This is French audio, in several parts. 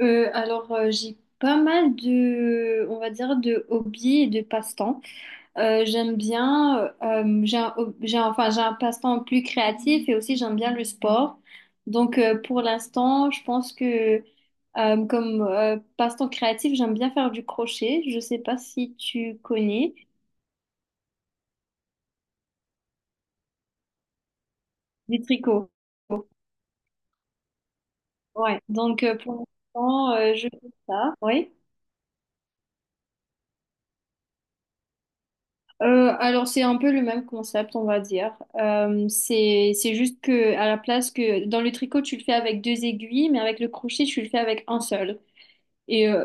J'ai pas mal de, on va dire, de hobbies et de passe-temps. J'aime bien, j'ai un passe-temps plus créatif et aussi j'aime bien le sport. Donc, pour l'instant, je pense que comme passe-temps créatif, j'aime bien faire du crochet. Je sais pas si tu connais du tricot. Ouais. Donc, pour l'instant, je fais ça. Oui. Alors c'est un peu le même concept, on va dire. C'est juste que à la place que dans le tricot tu le fais avec deux aiguilles, mais avec le crochet tu le fais avec un seul. Et euh,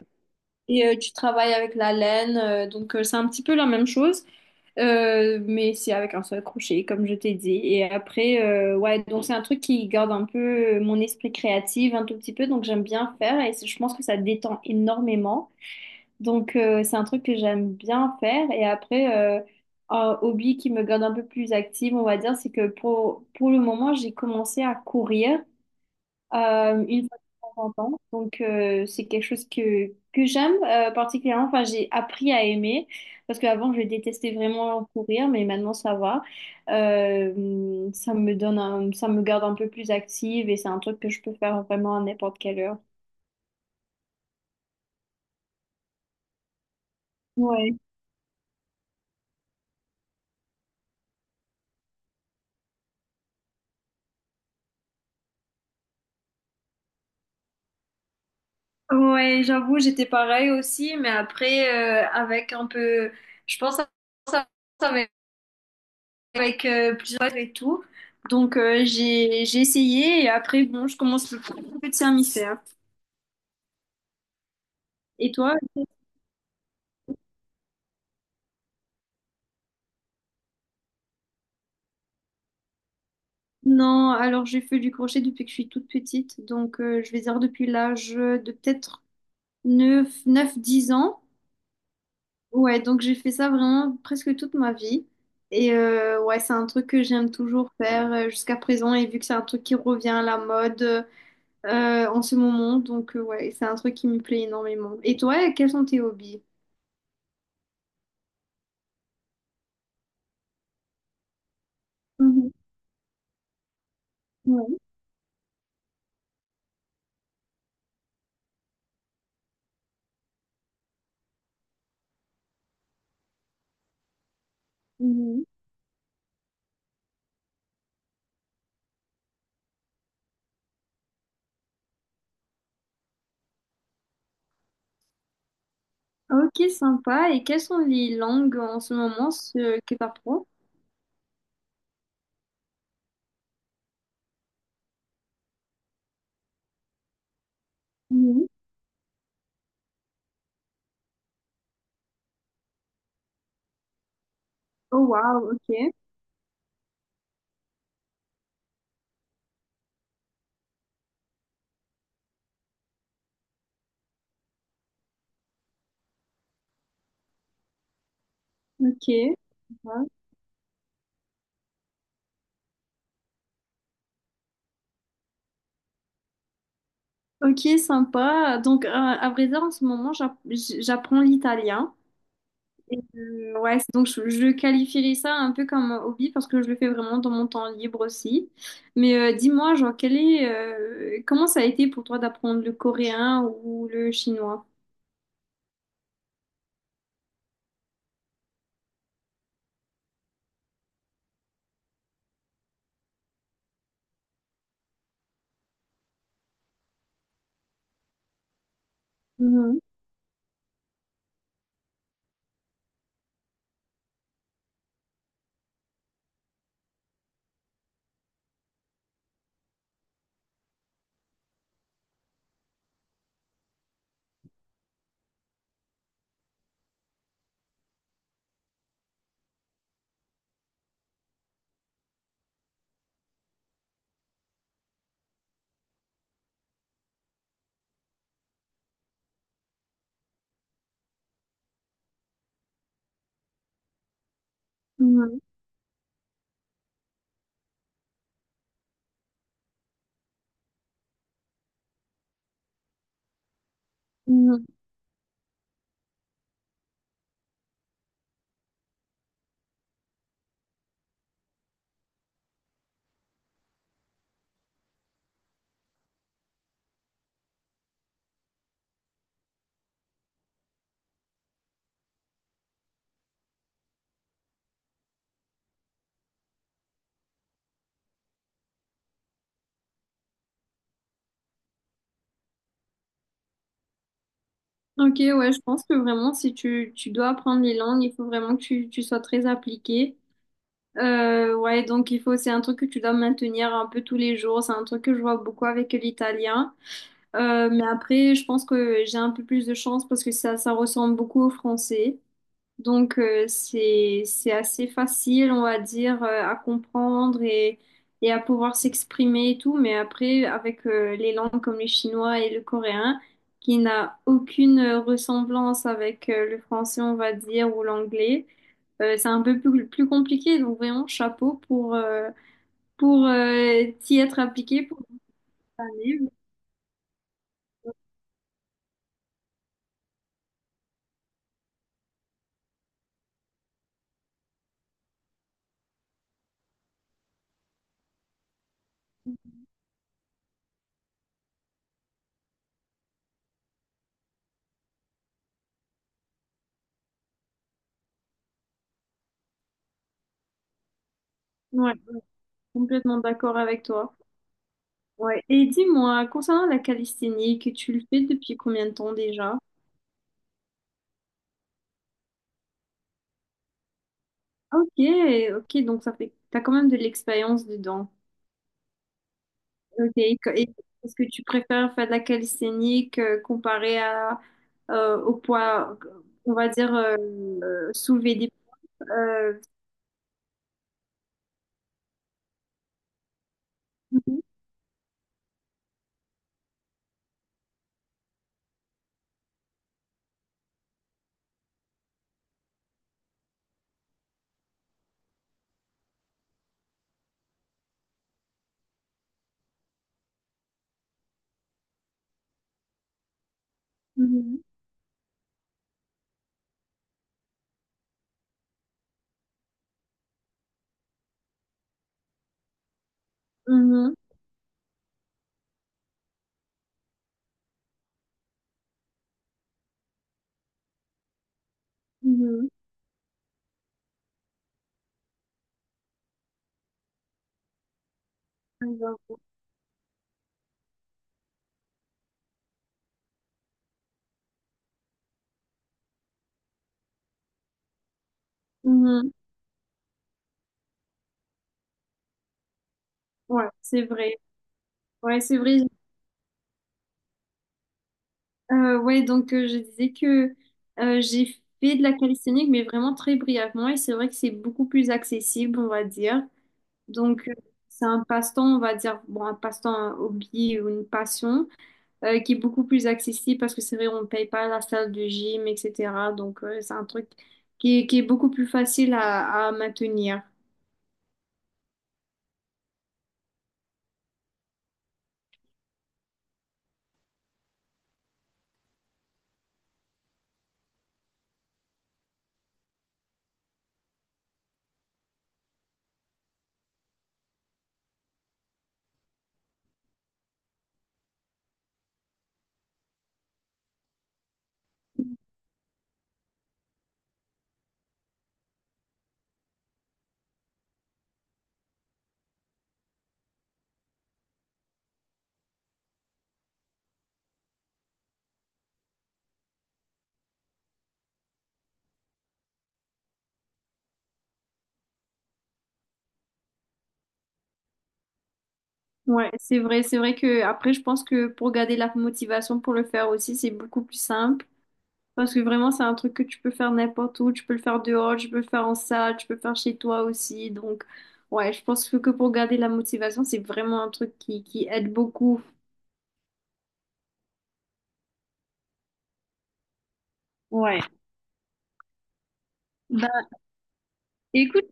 et tu travailles avec la laine, donc c'est un petit peu la même chose, mais c'est avec un seul crochet, comme je t'ai dit. Et après, ouais, donc c'est un truc qui garde un peu mon esprit créatif un tout petit peu, donc j'aime bien faire et je pense que ça détend énormément. Donc, c'est un truc que j'aime bien faire. Et après, un hobby qui me garde un peu plus active, on va dire, c'est que pour le moment, j'ai commencé à courir une fois de temps en temps. Donc, c'est quelque chose que j'aime particulièrement. Enfin, j'ai appris à aimer parce qu'avant, je détestais vraiment courir, mais maintenant, ça va. Ça me garde un peu plus active et c'est un truc que je peux faire vraiment à n'importe quelle heure. Ouais. Ouais, j'avoue, j'étais pareil aussi, mais après, je pense à ça avec, avec, plusieurs et tout. Donc, j'ai essayé et après, bon, je commence le peu de mammifères. Et toi? Non, alors j'ai fait du crochet depuis que je suis toute petite. Donc, je vais dire depuis l'âge de peut-être neuf, 10 ans. Ouais, donc j'ai fait ça vraiment presque toute ma vie. Et ouais, c'est un truc que j'aime toujours faire jusqu'à présent. Et vu que c'est un truc qui revient à la mode en ce moment. Donc, ouais, c'est un truc qui me plaît énormément. Et toi, quels sont tes hobbies? Mhm. Ouais. Mhm. Ok, sympa. Et quelles sont les langues en ce moment ce que t'apprends? Mhm. Oh, wow, ok, ok. Ouais. Ok, sympa. Donc, à vrai dire, en ce moment, j'apprends l'italien. Et, ouais, donc je qualifierais ça un peu comme un hobby parce que je le fais vraiment dans mon temps libre aussi. Mais dis-moi, genre, quel est, comment ça a été pour toi d'apprendre le coréen ou le chinois? Mhm, mhm, mhm. Ok, ouais, je pense que vraiment, si tu dois apprendre les langues, il faut vraiment que tu sois très appliqué. Ouais, donc il faut, c'est un truc que tu dois maintenir un peu tous les jours. C'est un truc que je vois beaucoup avec l'italien. Mais après, je pense que j'ai un peu plus de chance parce que ça ressemble beaucoup au français. Donc, c'est assez facile, on va dire, à comprendre et à pouvoir s'exprimer et tout. Mais après, avec les langues comme le chinois et le coréen, qui n'a aucune ressemblance avec le français, on va dire, ou l'anglais, c'est un peu plus compliqué. Donc, vraiment, chapeau pour, t'y être appliqué pour cette année. Ouais, complètement d'accord avec toi. Ouais. Et dis-moi, concernant la calisthénie, que tu le fais depuis combien de temps déjà? Ok, ok, donc ça fait, t'as quand même de l'expérience dedans. Ok, et est-ce que tu préfères faire de la calisthénie comparé à, au poids, on va dire, soulever des... euh, Mhm, mhm, mhm, mhm, mhm. Ouais, c'est vrai. Ouais, c'est vrai. Ouais, donc je disais que j'ai fait de la calisthenics, mais vraiment très brièvement, et c'est vrai que c'est beaucoup plus accessible, on va dire. Donc c'est un passe-temps, on va dire, bon, un passe-temps, un hobby ou une passion, qui est beaucoup plus accessible parce que c'est vrai, on ne paye pas la salle de gym, etc. Donc c'est un truc qui qui est beaucoup plus facile à maintenir. Ouais, c'est vrai que après, je pense que pour garder la motivation pour le faire aussi, c'est beaucoup plus simple. Parce que vraiment, c'est un truc que tu peux faire n'importe où. Tu peux le faire dehors, tu peux le faire en salle, tu peux le faire chez toi aussi. Donc, ouais, je pense que pour garder la motivation, c'est vraiment un truc qui aide beaucoup. Bah, écoute,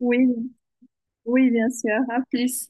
oui, oui, bien sûr, à plus.